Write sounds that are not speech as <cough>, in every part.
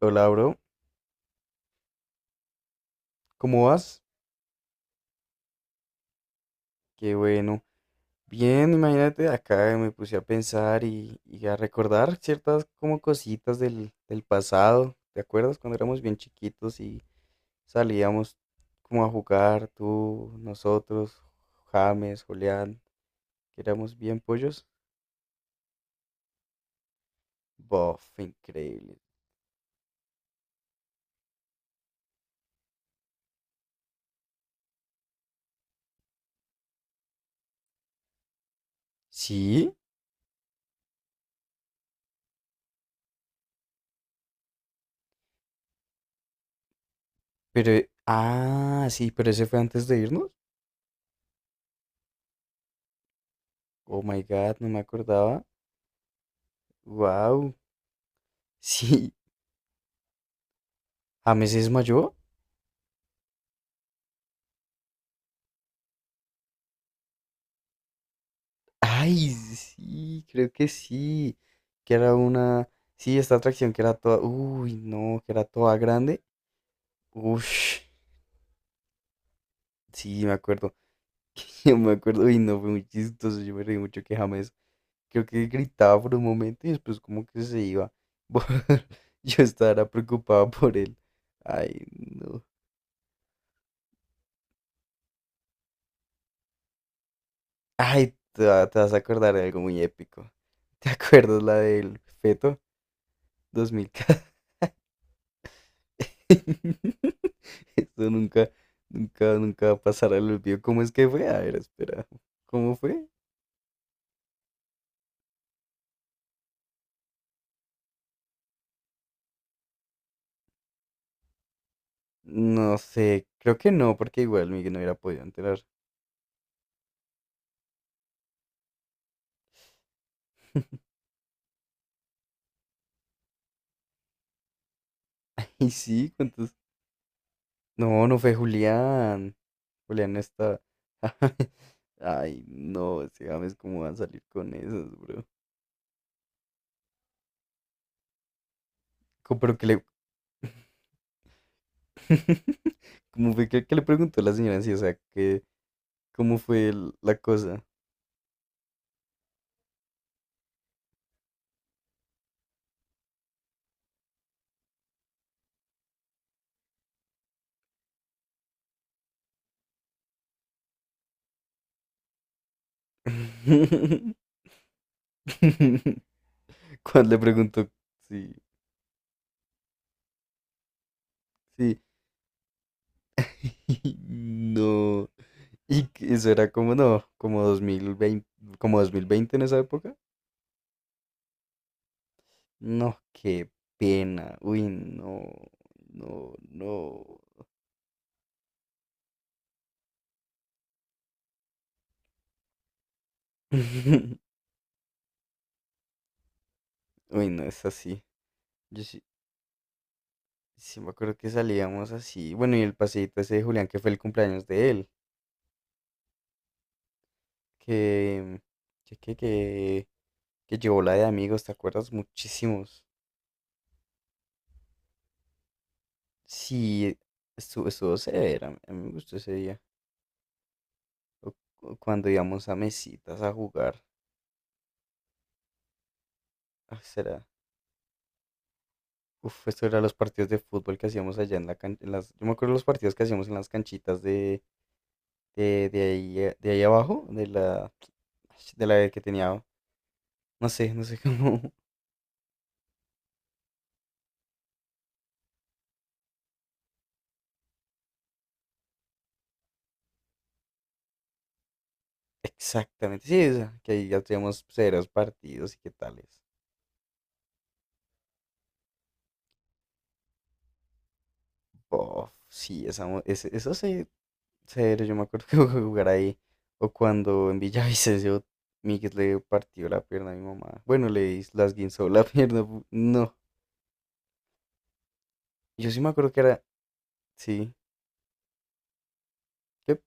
Hola, bro. ¿Cómo vas? Qué bueno. Bien, imagínate, acá me puse a pensar y a recordar ciertas como cositas del pasado. ¿Te acuerdas cuando éramos bien chiquitos y salíamos como a jugar, tú, nosotros, James, Julián, que éramos bien pollos? Bof, increíble. Sí, ah, sí, pero ese fue antes de irnos. Oh my God, no me acordaba. Wow. <laughs> Sí, James es mayor. Ay, sí, creo que sí. Que era una. Sí, esta atracción que era toda. Uy, no, que era toda grande. Ush. Sí, me acuerdo. <laughs> Yo me acuerdo. Uy, no, fue muy chistoso. Yo me reí mucho que James. Creo que gritaba por un momento y después como que se iba. <laughs> Yo estaba preocupado por él. Ay, no. Ay, te vas a acordar de algo muy épico. ¿Te acuerdas la del feto 2000? <laughs> <laughs> Esto nunca, nunca, nunca pasará el olvido. ¿Cómo es que fue? A ver, espera. ¿Cómo fue? No sé, creo que no, porque igual Miguel no hubiera podido enterar. <laughs> Y sí, ¿cuántos? No, no fue Julián. Julián no está. <laughs> Ay, no, ese James, ¿cómo va a salir con esos, bro? Pero que le. <laughs> ¿Cómo fue que le preguntó la señora si, o sea, que, cómo fue la cosa? <laughs> Cuando le preguntó, sí, sí. <laughs> No. Y que eso era como no, como dos mil veinte en esa época. No, qué pena. Uy, no, no, no. <laughs> Uy, no es así. Yo sí, sí me acuerdo que salíamos así. Bueno, y el paseíto ese de Julián que fue el cumpleaños de él, que que que que, que llevó la de amigos, ¿te acuerdas? Muchísimos. Sí, estuvo severa. A mí me gustó ese día. O- o cuando íbamos a mesitas a jugar. Ah, será. Uf, esto era los partidos de fútbol que hacíamos allá en las, yo me acuerdo los partidos que hacíamos en las canchitas de ahí, de ahí abajo, de la, <tsk> de la que tenía, no sé cómo <laughs> exactamente, sí, esa, que ahí ya teníamos severos partidos y qué tales. Bof, sí, esa, eso sí, severo, yo me acuerdo que <laughs> jugar ahí, o cuando en Villavicencio Miguel le partió la pierna a mi mamá, bueno, la esguinzó la <laughs> pierna, no, yo sí me acuerdo que era, sí. ¿Qué?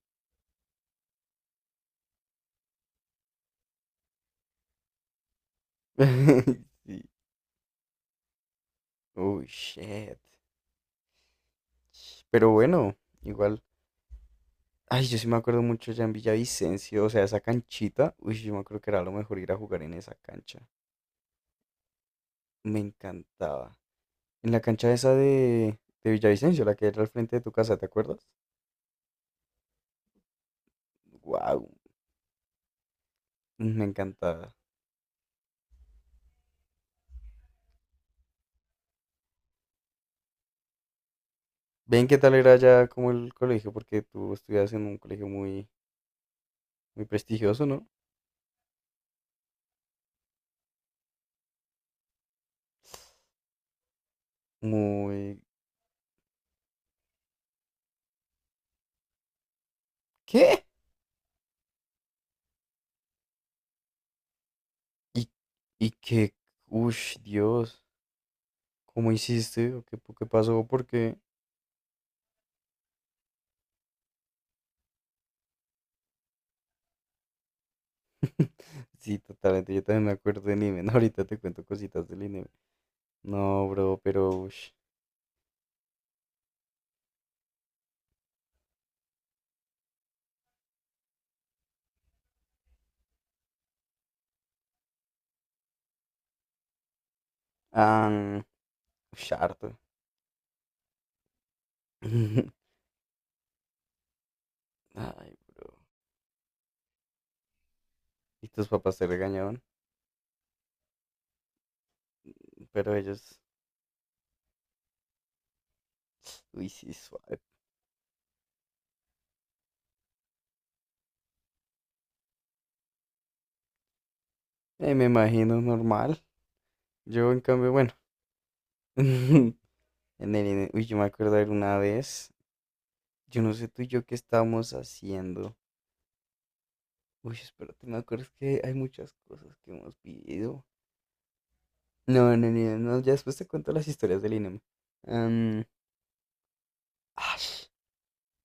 <laughs> Sí. Oh, shit. Pero bueno, igual. Ay, yo sí me acuerdo mucho ya en Villavicencio, o sea, esa canchita. Uy, yo me acuerdo que era lo mejor ir a jugar en esa cancha. Me encantaba. En la cancha esa de Villavicencio, la que era al frente de tu casa, ¿te acuerdas? Wow, me encantaba. Ven qué tal era ya como el colegio, porque tú estudias en un colegio muy, muy prestigioso, ¿no? Muy... ¿Qué? Y, y que... Uy, Dios. ¿Cómo hiciste? ¿O qué, qué pasó? Porque <laughs> sí, totalmente. Yo también me acuerdo del Nimen. <laughs> Ahorita te cuento cositas del Nimen. No, bro, pero. Ush. Ah, ush, harto. <laughs> Ay, y tus papás te regañaban, pero ellos. Uy, sí, suave. Me imagino normal. Yo, en cambio, bueno. <laughs> En el INEM. Uy, yo me acuerdo de una vez. Yo no sé tú y yo qué estábamos haciendo. Uy, espérate, me acuerdo es que hay muchas cosas que hemos vivido. No, no, no, no, ya después te cuento las historias del INEM. Am, ash,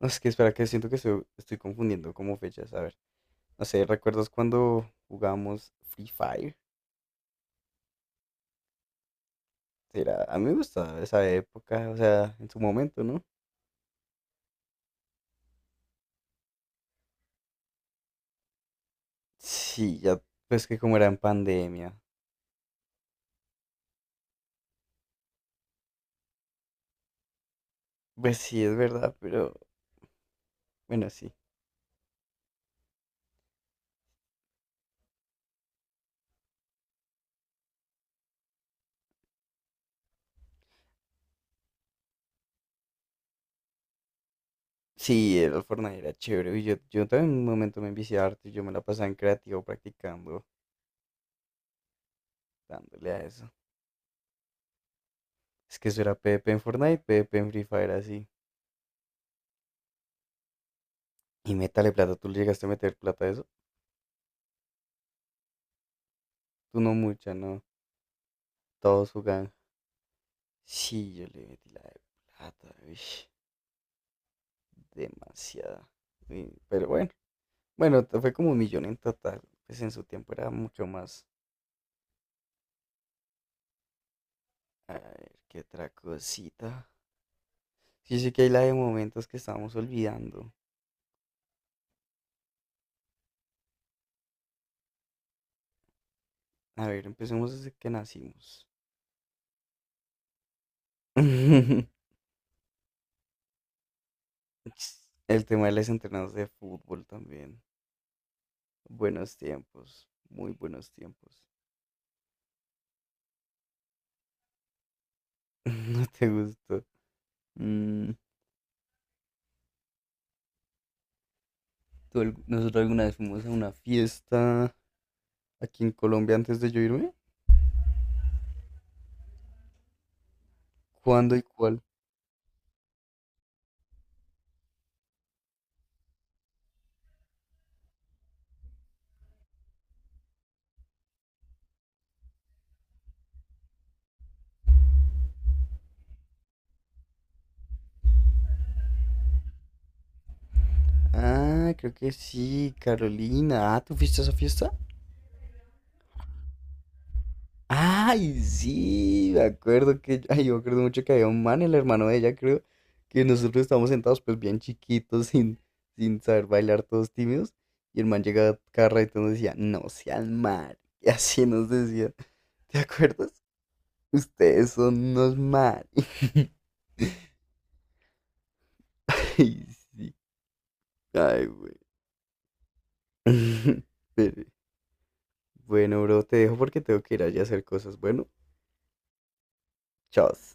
no, es que espera, que siento que estoy confundiendo como fechas. A ver, no sé, ¿recuerdas cuando jugábamos Free Fire? Era, a mí me gustaba esa época, o sea, en su momento, ¿no? Sí, ya, pues que como era en pandemia. Pues sí, es verdad, pero bueno, sí. Sí, el Fortnite era chévere. Y yo también en un momento me envicié harto y yo me la pasaba en creativo practicando, dándole a eso. Es que eso era PvP en Fortnite, PvP en Free Fire así. Y métale plata, ¿tú le llegaste a meter plata a eso? Tú no mucha, no. Todos jugaban. Sí, yo le metí la de plata, uish, demasiada. Uy, pero bueno, fue como 1 millón en total. Pues en su tiempo era mucho más. A ver, qué otra cosita. Sí, sí que hay la de momentos que estábamos olvidando. A ver, empecemos desde que nacimos. <laughs> El tema de los entrenados de fútbol también. Buenos tiempos, muy buenos tiempos. <laughs> No te gustó. Mm, nosotros alguna vez fuimos a una fiesta aquí en Colombia antes de yo irme. ¿Cuándo y cuál? Ah, creo que sí, Carolina. Ah, ¿tú fuiste a esa fiesta? Ay, sí, me acuerdo que, ay, yo me acuerdo mucho que había un man, el hermano de ella, creo, que nosotros estábamos sentados pues bien chiquitos, <laughs> sin saber bailar, todos tímidos, y el man llegaba cada rato y nos decía, no sean mal, <laughs> y así nos decía, ¿te acuerdas? Ustedes son unos mal. <laughs> Ay, sí, ay, güey. <laughs> Bueno, bro, te dejo porque tengo que ir allá a hacer cosas. Bueno, chao.